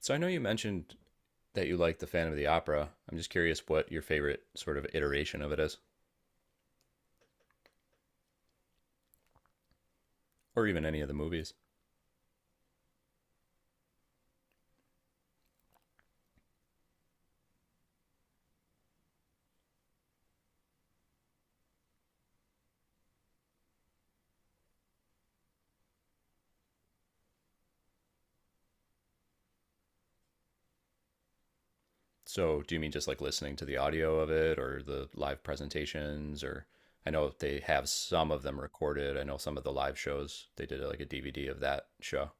So I know you mentioned that you like the Phantom of the Opera. I'm just curious what your favorite sort of iteration of it is, or even any of the movies. So do you mean just like listening to the audio of it, or the live presentations, or I know they have some of them recorded. I know some of the live shows they did like a DVD of that show.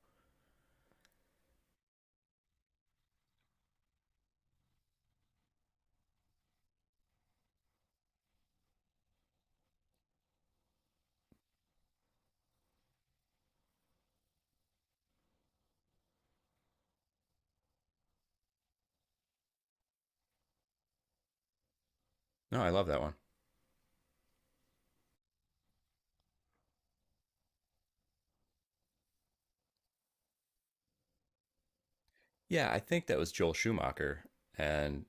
No, I love that one. Yeah, I think that was Joel Schumacher, and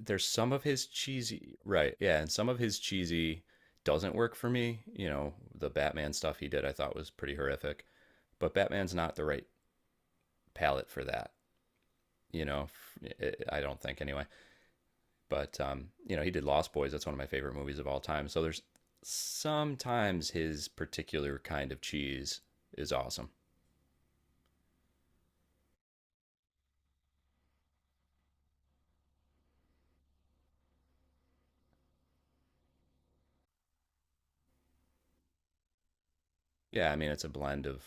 there's some of his cheesy right yeah and some of his cheesy doesn't work for me, you know, the batman stuff he did, I thought was pretty horrific. But Batman's not the right palette for that, you know. I don't think anyway. He did Lost Boys. That's one of my favorite movies of all time. So there's sometimes his particular kind of cheese is awesome. Yeah, I mean, it's a blend of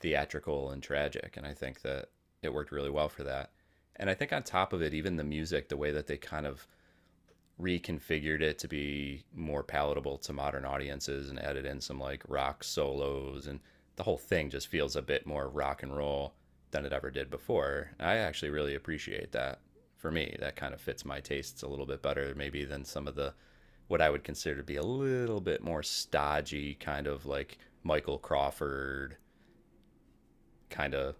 theatrical and tragic, and I think that it worked really well for that. And I think on top of it, even the music, the way that they kind of reconfigured it to be more palatable to modern audiences and added in some like rock solos and the whole thing just feels a bit more rock and roll than it ever did before. And I actually really appreciate that. For me, that kind of fits my tastes a little bit better maybe than some of the what I would consider to be a little bit more stodgy kind of like Michael Crawford kind of.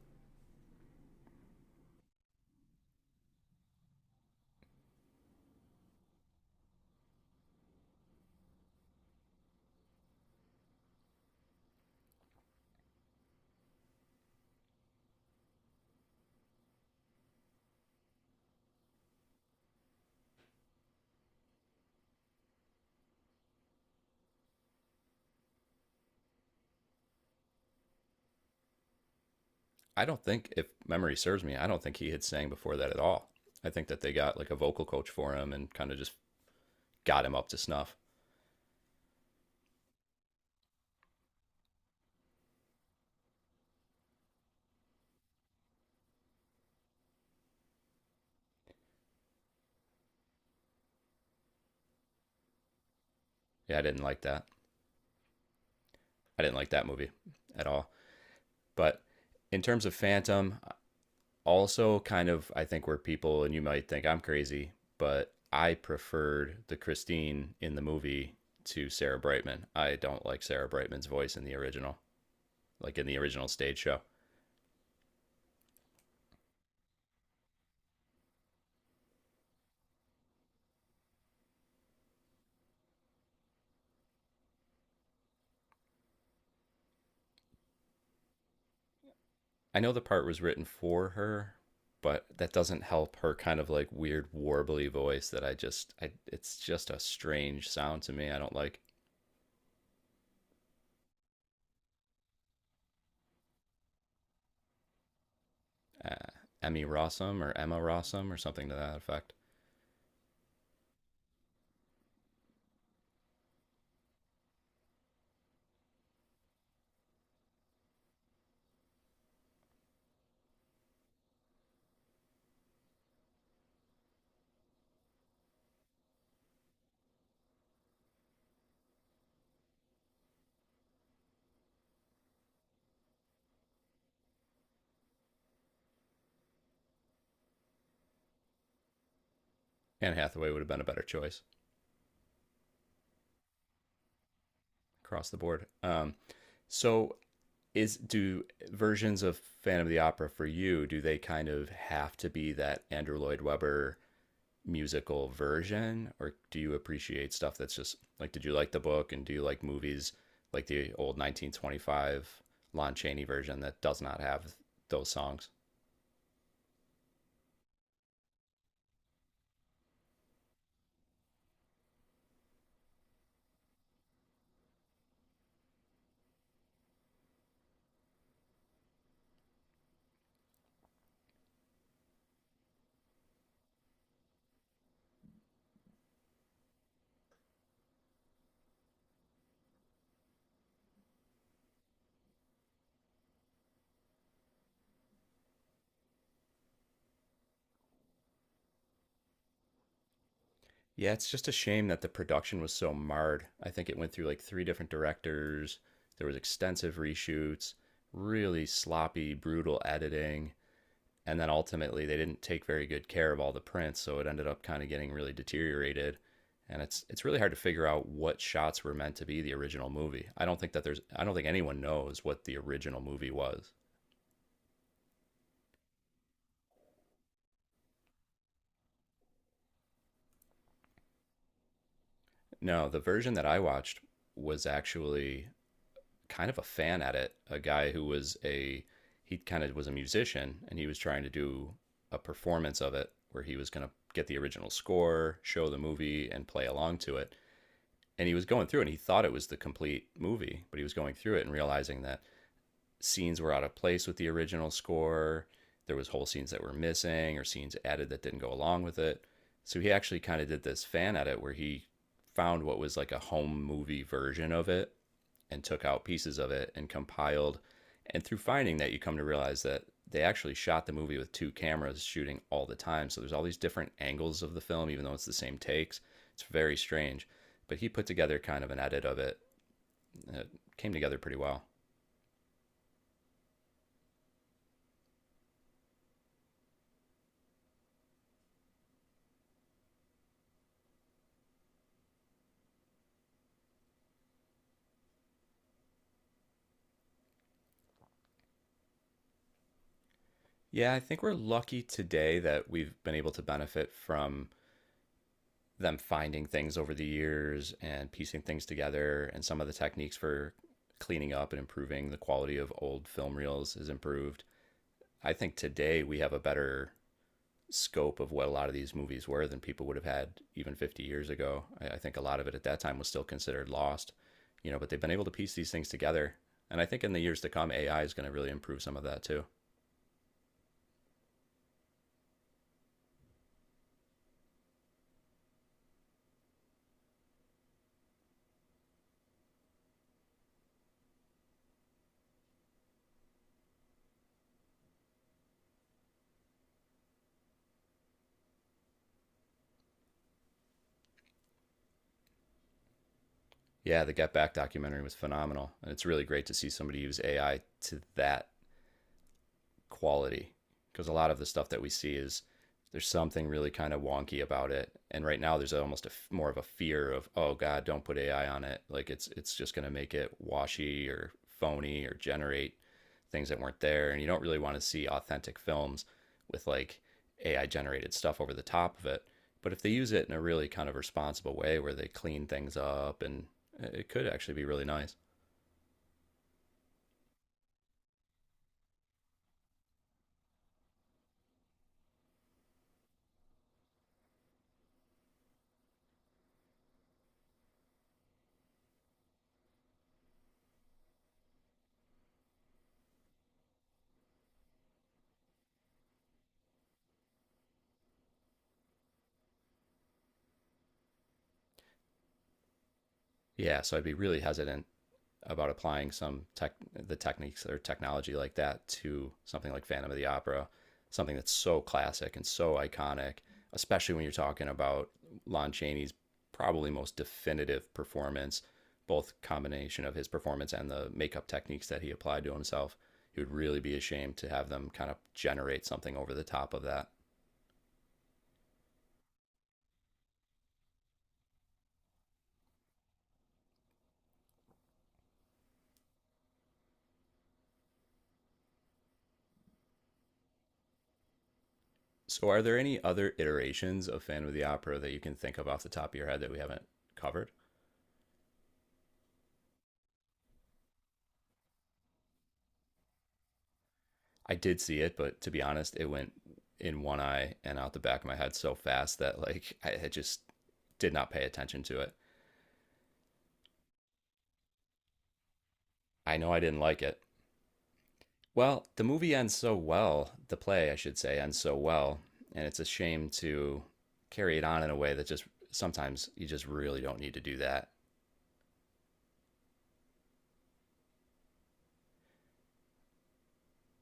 I don't think, if memory serves me, I don't think he had sang before that at all. I think that they got like a vocal coach for him and kind of just got him up to snuff. Yeah, I didn't like that. I didn't like that movie at all. But in terms of Phantom, also kind of I think we're people and you might think I'm crazy, but I preferred the Christine in the movie to Sarah Brightman. I don't like Sarah Brightman's voice in the original, like in the original stage show. I know the part was written for her, but that doesn't help her kind of like weird warbly voice that I just I it's just a strange sound to me. I don't like. uh, Emmy Rossum or Emma Rossum or something to that effect. Anne Hathaway would have been a better choice across the board. So is do versions of Phantom of the Opera for you? Do they kind of have to be that Andrew Lloyd Webber musical version, or do you appreciate stuff that's just like? Did you like the book, and do you like movies like the old 1925 Lon Chaney version that does not have those songs? Yeah, it's just a shame that the production was so marred. I think it went through like three different directors. There was extensive reshoots, really sloppy, brutal editing, and then ultimately they didn't take very good care of all the prints, so it ended up kind of getting really deteriorated. And it's really hard to figure out what shots were meant to be the original movie. I don't think that there's I don't think anyone knows what the original movie was. No, the version that I watched was actually kind of a fan at it, a guy who was a he kind of was a musician and he was trying to do a performance of it where he was going to get the original score, show the movie and play along to it. And he was going through and he thought it was the complete movie, but he was going through it and realizing that scenes were out of place with the original score. There was whole scenes that were missing or scenes added that didn't go along with it. So he actually kind of did this fan edit where he found what was like a home movie version of it and took out pieces of it and compiled. And through finding that, you come to realize that they actually shot the movie with two cameras shooting all the time. So there's all these different angles of the film, even though it's the same takes. It's very strange. But he put together kind of an edit of it. It came together pretty well. Yeah, I think we're lucky today that we've been able to benefit from them finding things over the years and piecing things together. And some of the techniques for cleaning up and improving the quality of old film reels is improved. I think today we have a better scope of what a lot of these movies were than people would have had even 50 years ago. I think a lot of it at that time was still considered lost, you know, but they've been able to piece these things together. And I think in the years to come, AI is going to really improve some of that too. Yeah, the Get Back documentary was phenomenal, and it's really great to see somebody use AI to that quality because a lot of the stuff that we see is there's something really kind of wonky about it. And right now there's almost a more of a fear of, oh god, don't put AI on it, like it's just going to make it washy or phony or generate things that weren't there, and you don't really want to see authentic films with like AI generated stuff over the top of it. But if they use it in a really kind of responsible way where they clean things up and it could actually be really nice. Yeah, so I'd be really hesitant about applying some tech the techniques or technology like that to something like Phantom of the Opera, something that's so classic and so iconic, especially when you're talking about Lon Chaney's probably most definitive performance, both combination of his performance and the makeup techniques that he applied to himself. It would really be a shame to have them kind of generate something over the top of that. So, are there any other iterations of Phantom of the Opera that you can think of off the top of your head that we haven't covered? I did see it, but to be honest, it went in one eye and out the back of my head so fast that like I had just did not pay attention to it. I know I didn't like it. Well, the movie ends so well, the play I should say ends so well, and it's a shame to carry it on in a way that just sometimes you just really don't need to do that.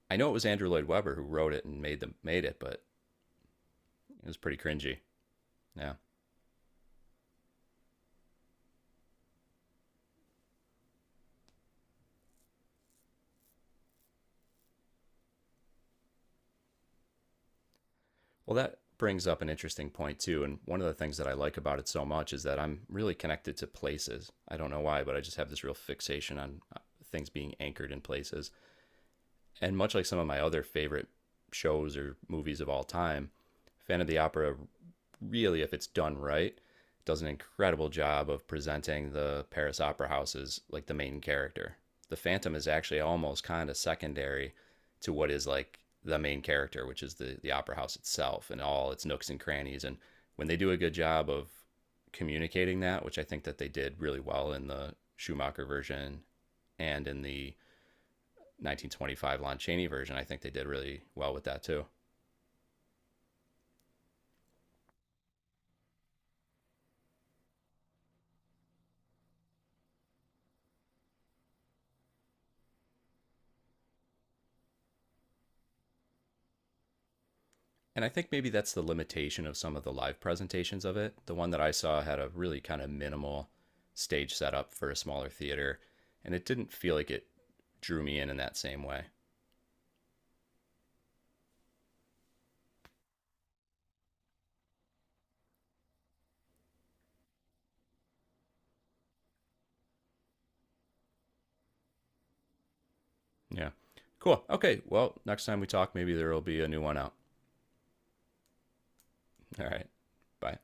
I know it was Andrew Lloyd Webber who wrote it and made the made it, but it was pretty cringy. Yeah. Well, that brings up an interesting point too. And one of the things that I like about it so much is that I'm really connected to places. I don't know why, but I just have this real fixation on things being anchored in places and much like some of my other favorite shows or movies of all time, Fan of the Opera really, if it's done right, does an incredible job of presenting the Paris Opera House as like the main character. The Phantom is actually almost kind of secondary to what is like the main character, which is the opera house itself and all its nooks and crannies. And when they do a good job of communicating that, which I think that they did really well in the Schumacher version and in the 1925 Lon Chaney version. I think they did really well with that too. And I think maybe that's the limitation of some of the live presentations of it. The one that I saw had a really kind of minimal stage setup for a smaller theater, and it didn't feel like it drew me in that same way. Yeah. Cool. Okay. Well, next time we talk, maybe there will be a new one out. All right. Bye.